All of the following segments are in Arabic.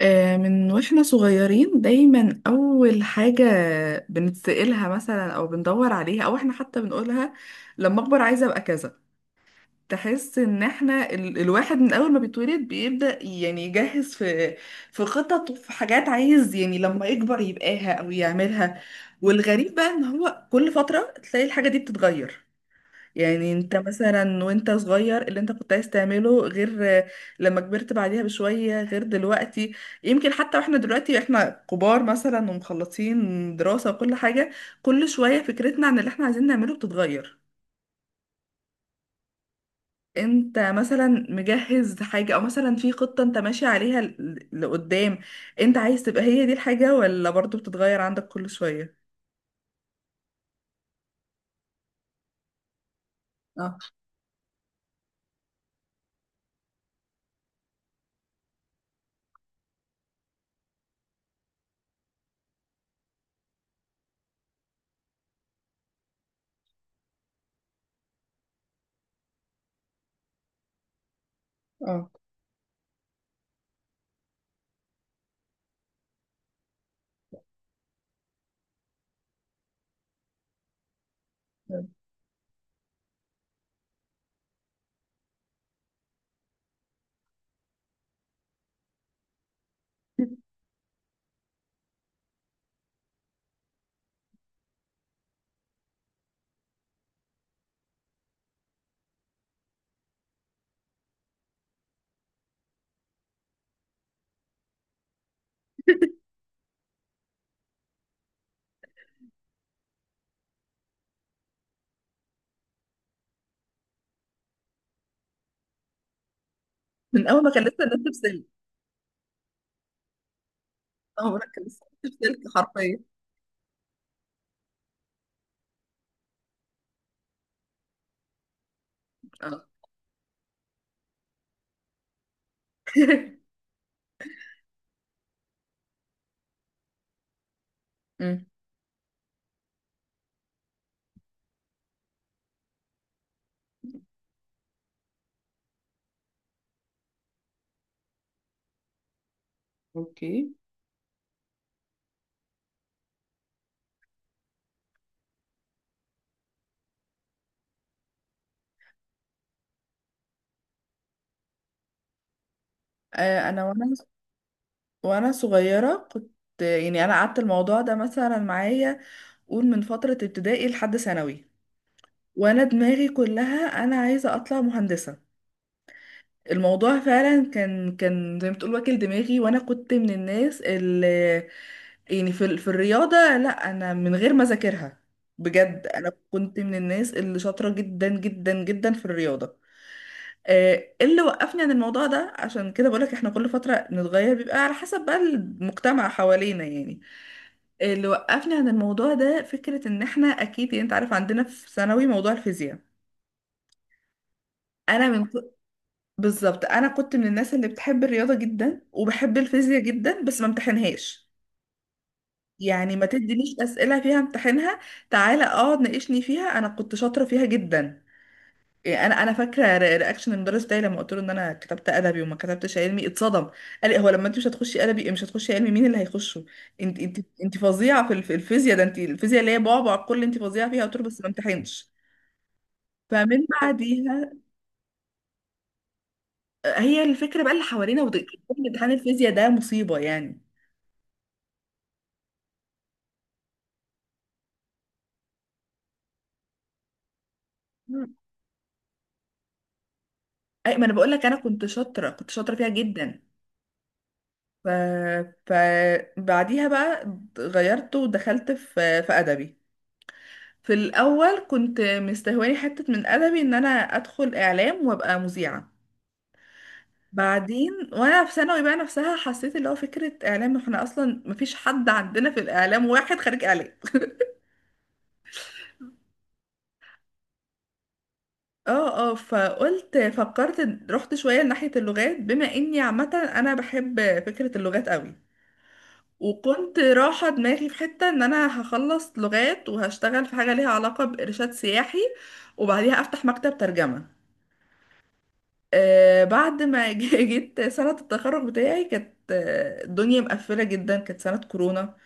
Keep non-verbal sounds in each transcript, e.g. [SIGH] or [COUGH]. من واحنا صغيرين دايما اول حاجة بنتسألها مثلا او بندور عليها او احنا حتى بنقولها لما اكبر عايزة ابقى كذا. تحس ان احنا الواحد من اول ما بيتولد بيبدأ يعني يجهز في خطط وفي حاجات عايز يعني لما يكبر يبقاها او يعملها. والغريب بقى ان هو كل فترة تلاقي الحاجة دي بتتغير، يعني انت مثلا وانت صغير اللي انت كنت عايز تعمله غير، لما كبرت بعديها بشوية غير دلوقتي. يمكن حتى واحنا دلوقتي احنا كبار مثلا ومخلصين دراسة وكل حاجة، كل شوية فكرتنا عن اللي احنا عايزين نعمله بتتغير. انت مثلا مجهز حاجة او مثلا في خطة انت ماشي عليها لقدام، انت عايز تبقى هي دي الحاجة ولا برضو بتتغير عندك كل شوية؟ اه، اه. [LAUGHS] من اول ما كان لسه الناس بسلك، اول ما كان لسه الناس بسلك حرفيا. اه. [LAUGHS] مم. اوكي. آه، انا وانا وانا صغيره كنت، يعني انا قعدت الموضوع ده مثلا معايا، قول من فتره ابتدائي لحد ثانوي، وانا دماغي كلها انا عايزه اطلع مهندسه. الموضوع فعلا كان زي ما تقول واكل دماغي، وانا كنت من الناس اللي يعني في الرياضه، لا انا من غير ما اذاكرها بجد انا كنت من الناس اللي شاطره جدا جدا جدا في الرياضه. آه، إيه اللي وقفني عن الموضوع ده؟ عشان كده بقولك احنا كل فترة نتغير، بيبقى على حسب بقى المجتمع حوالينا يعني. اللي وقفني عن الموضوع ده فكرة ان احنا، اكيد يعني انت عارف عندنا في ثانوي موضوع الفيزياء. انا من ك- بالظبط انا كنت من الناس اللي بتحب الرياضة جدا وبحب الفيزياء جدا بس ما امتحنهاش. يعني ما تدينيش اسئلة فيها امتحنها، تعالى اقعد ناقشني فيها انا كنت شاطرة فيها جدا. إيه، انا فاكره رياكشن المدرس بتاعي لما قلت له ان انا كتبت ادبي وما كتبتش علمي اتصدم. قال لي هو لما انت مش هتخشي ادبي مش هتخشي علمي مين اللي هيخشه؟ انت انت انت فظيعه في الفيزياء، ده انت الفيزياء اللي هي بعبع الكل، انت فظيعه فيها، قلت له بس ما امتحنش. فمن بعديها، هي الفكره بقى اللي حوالينا امتحان الفيزياء ده مصيبه يعني. مم. اي ما انا بقول لك انا كنت شاطره، كنت شاطره فيها جدا. ف فبعديها بقى غيرت ودخلت في ادبي. في الأول كنت مستهواني حتة من أدبي إن أنا أدخل إعلام وأبقى مذيعة. بعدين وأنا في ثانوي بقى نفسها حسيت اللي هو فكرة إعلام، إحنا أصلا مفيش حد عندنا في الإعلام واحد خريج إعلام. اه، اه. فكرت رحت شوية لناحية اللغات بما إني عامة، أنا بحب فكرة اللغات قوي. وكنت رايحة دماغي في حتة إن أنا هخلص لغات وهشتغل في حاجة ليها علاقة بإرشاد سياحي، وبعديها أفتح مكتب ترجمة. آه، بعد ما [LAUGHS] جيت سنة التخرج بتاعي كانت الدنيا مقفلة جدا، كانت سنة كورونا.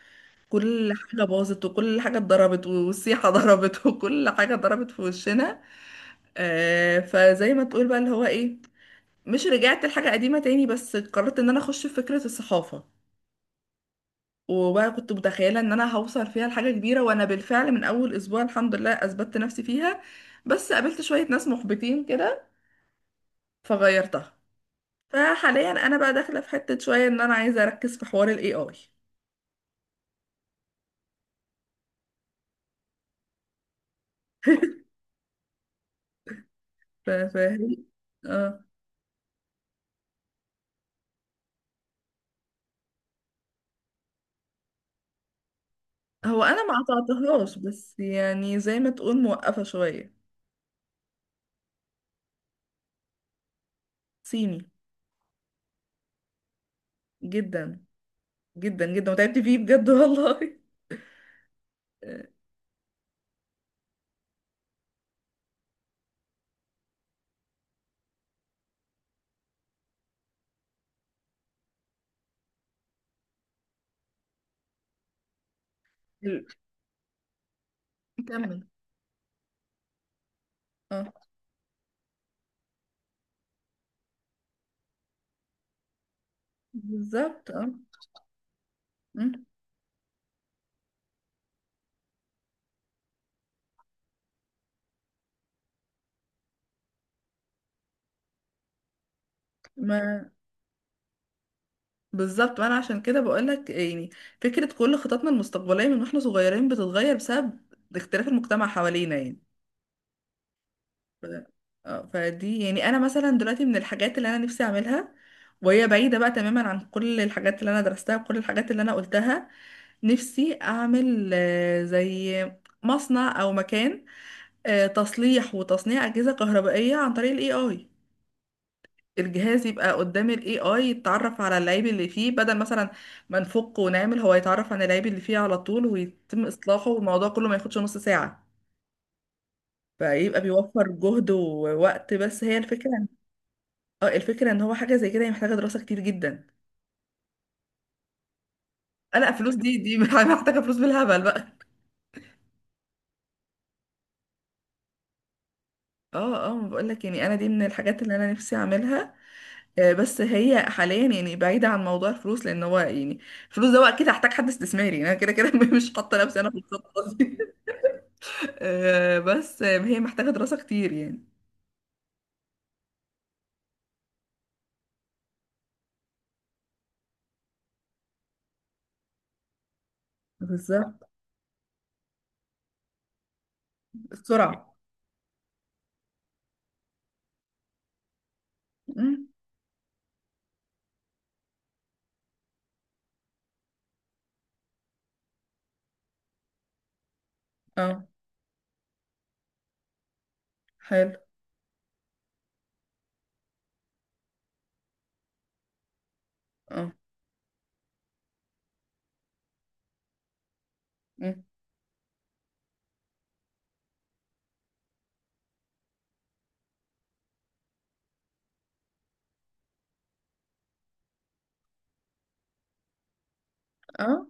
كل حاجة باظت وكل حاجة اتضربت والسيحة [LAUGHS] ضربت وكل حاجة ضربت في وشنا. فزي ما تقول بقى اللي هو ايه، مش رجعت لحاجة قديمة تاني بس قررت ان انا اخش في فكرة الصحافة. وبقى كنت متخيلة ان انا هوصل فيها لحاجة كبيرة، وانا بالفعل من اول اسبوع الحمد لله اثبتت نفسي فيها. بس قابلت شوية ناس محبطين كده فغيرتها. فحاليا انا بقى داخله في حته شويه ان انا عايزه اركز في حوار الاي اي. فاهم؟ اه. هو انا ما قطعتهاش بس يعني زي ما تقول موقفه شويه. صيني. جدا جدا جدا وتعبت فيه بجد [LAUGHS] والله. آه، ال- كمل. اه. بالظبط، اه. مم. ما بالظبط، وانا عشان كده بقول لك يعني فكره كل خططنا المستقبليه من واحنا صغيرين بتتغير بسبب اختلاف المجتمع حوالينا يعني. اه، فدي يعني انا مثلا دلوقتي من الحاجات اللي انا نفسي اعملها، وهي بعيدة بقى تماما عن كل الحاجات اللي انا درستها وكل الحاجات اللي انا قلتها. نفسي اعمل زي مصنع او مكان، تصليح وتصنيع اجهزة كهربائية عن طريق الاي اي. الجهاز يبقى قدام الاي اي يتعرف على العيب اللي فيه، بدل مثلا ما نفك ونعمل، هو يتعرف على العيب اللي فيه على طول ويتم اصلاحه، والموضوع كله ما ياخدش نص ساعة. فيبقى بيوفر جهد ووقت، بس هي الفكرة. اه. الفكرة ان هو حاجة زي كده هي محتاجة دراسة كتير جدا. لا فلوس دي [LAUGHS] محتاجة فلوس بالهبل بقى. اه، اه، ما بقولك يعني انا دي من الحاجات اللي انا نفسي اعملها. بس هي حاليا يعني بعيدة عن موضوع الفلوس، لان هو يعني الفلوس ده بقى كده هحتاج حد استثماري، انا كده كده [LAUGHS] مش حاطة نفسي انا في الخطة دي. [LAUGHS] آه، بس آه، هي محتاجة دراسة كتير يعني. بالظبط. السرعة. مم. اه، حلو. اه. مم. اه.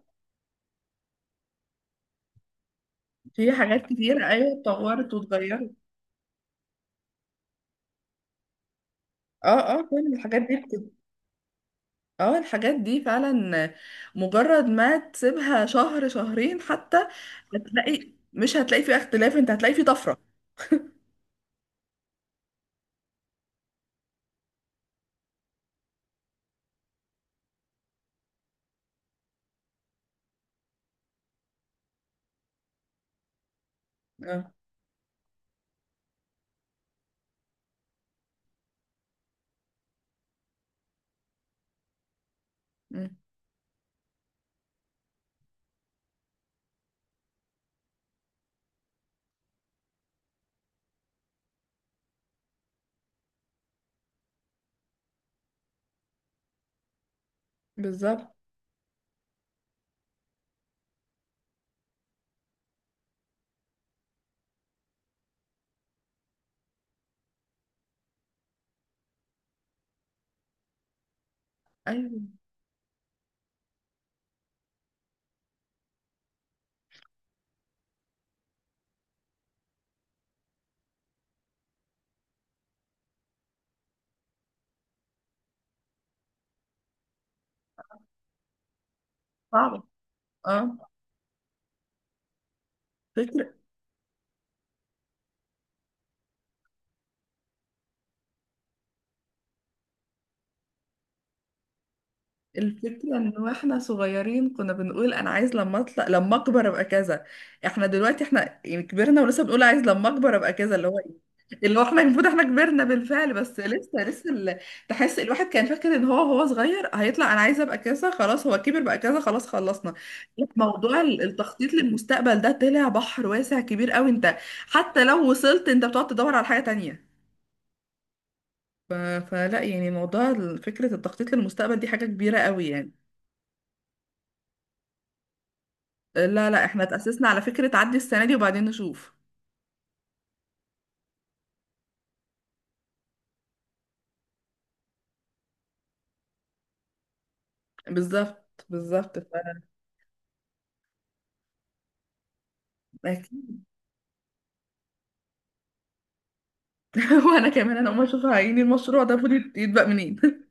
في حاجات كتير ايوه اتطورت واتغيرت. اه، اه، كل الحاجات دي. اه. الحاجات دي فعلا مجرد ما تسيبها شهر شهرين حتى، هتلاقي، مش هتلاقي فيه اختلاف، انت هتلاقي فيه طفرة. اه. مم. بالظبط. ايوه. صعبة. اه. فكرة. الفكرة ان واحنا صغيرين كنا بنقول انا عايز لما اطلع لما اكبر ابقى كذا، احنا دلوقتي احنا يعني كبرنا ولسه بنقول عايز لما اكبر ابقى كذا، اللي هو إيه؟ اللي هو احنا المفروض احنا كبرنا بالفعل بس لسه لسه ال... تحس الواحد كان فاكر ان هو صغير هيطلع انا عايزه ابقى كذا خلاص، هو كبر بقى كذا خلاص خلصنا. لا، موضوع التخطيط للمستقبل ده طلع بحر واسع كبير قوي، انت حتى لو وصلت انت بتقعد تدور على حاجه تانية. فلا يعني موضوع فكره التخطيط للمستقبل دي حاجه كبيره قوي يعني. لا، لا احنا اتأسسنا على فكره عدي السنه دي وبعدين نشوف. بالظبط، بالظبط. ف... أكيد. [LAUGHS] وانا كمان انا اول ما اشوف عيني المشروع ده المفروض يتبقى منين.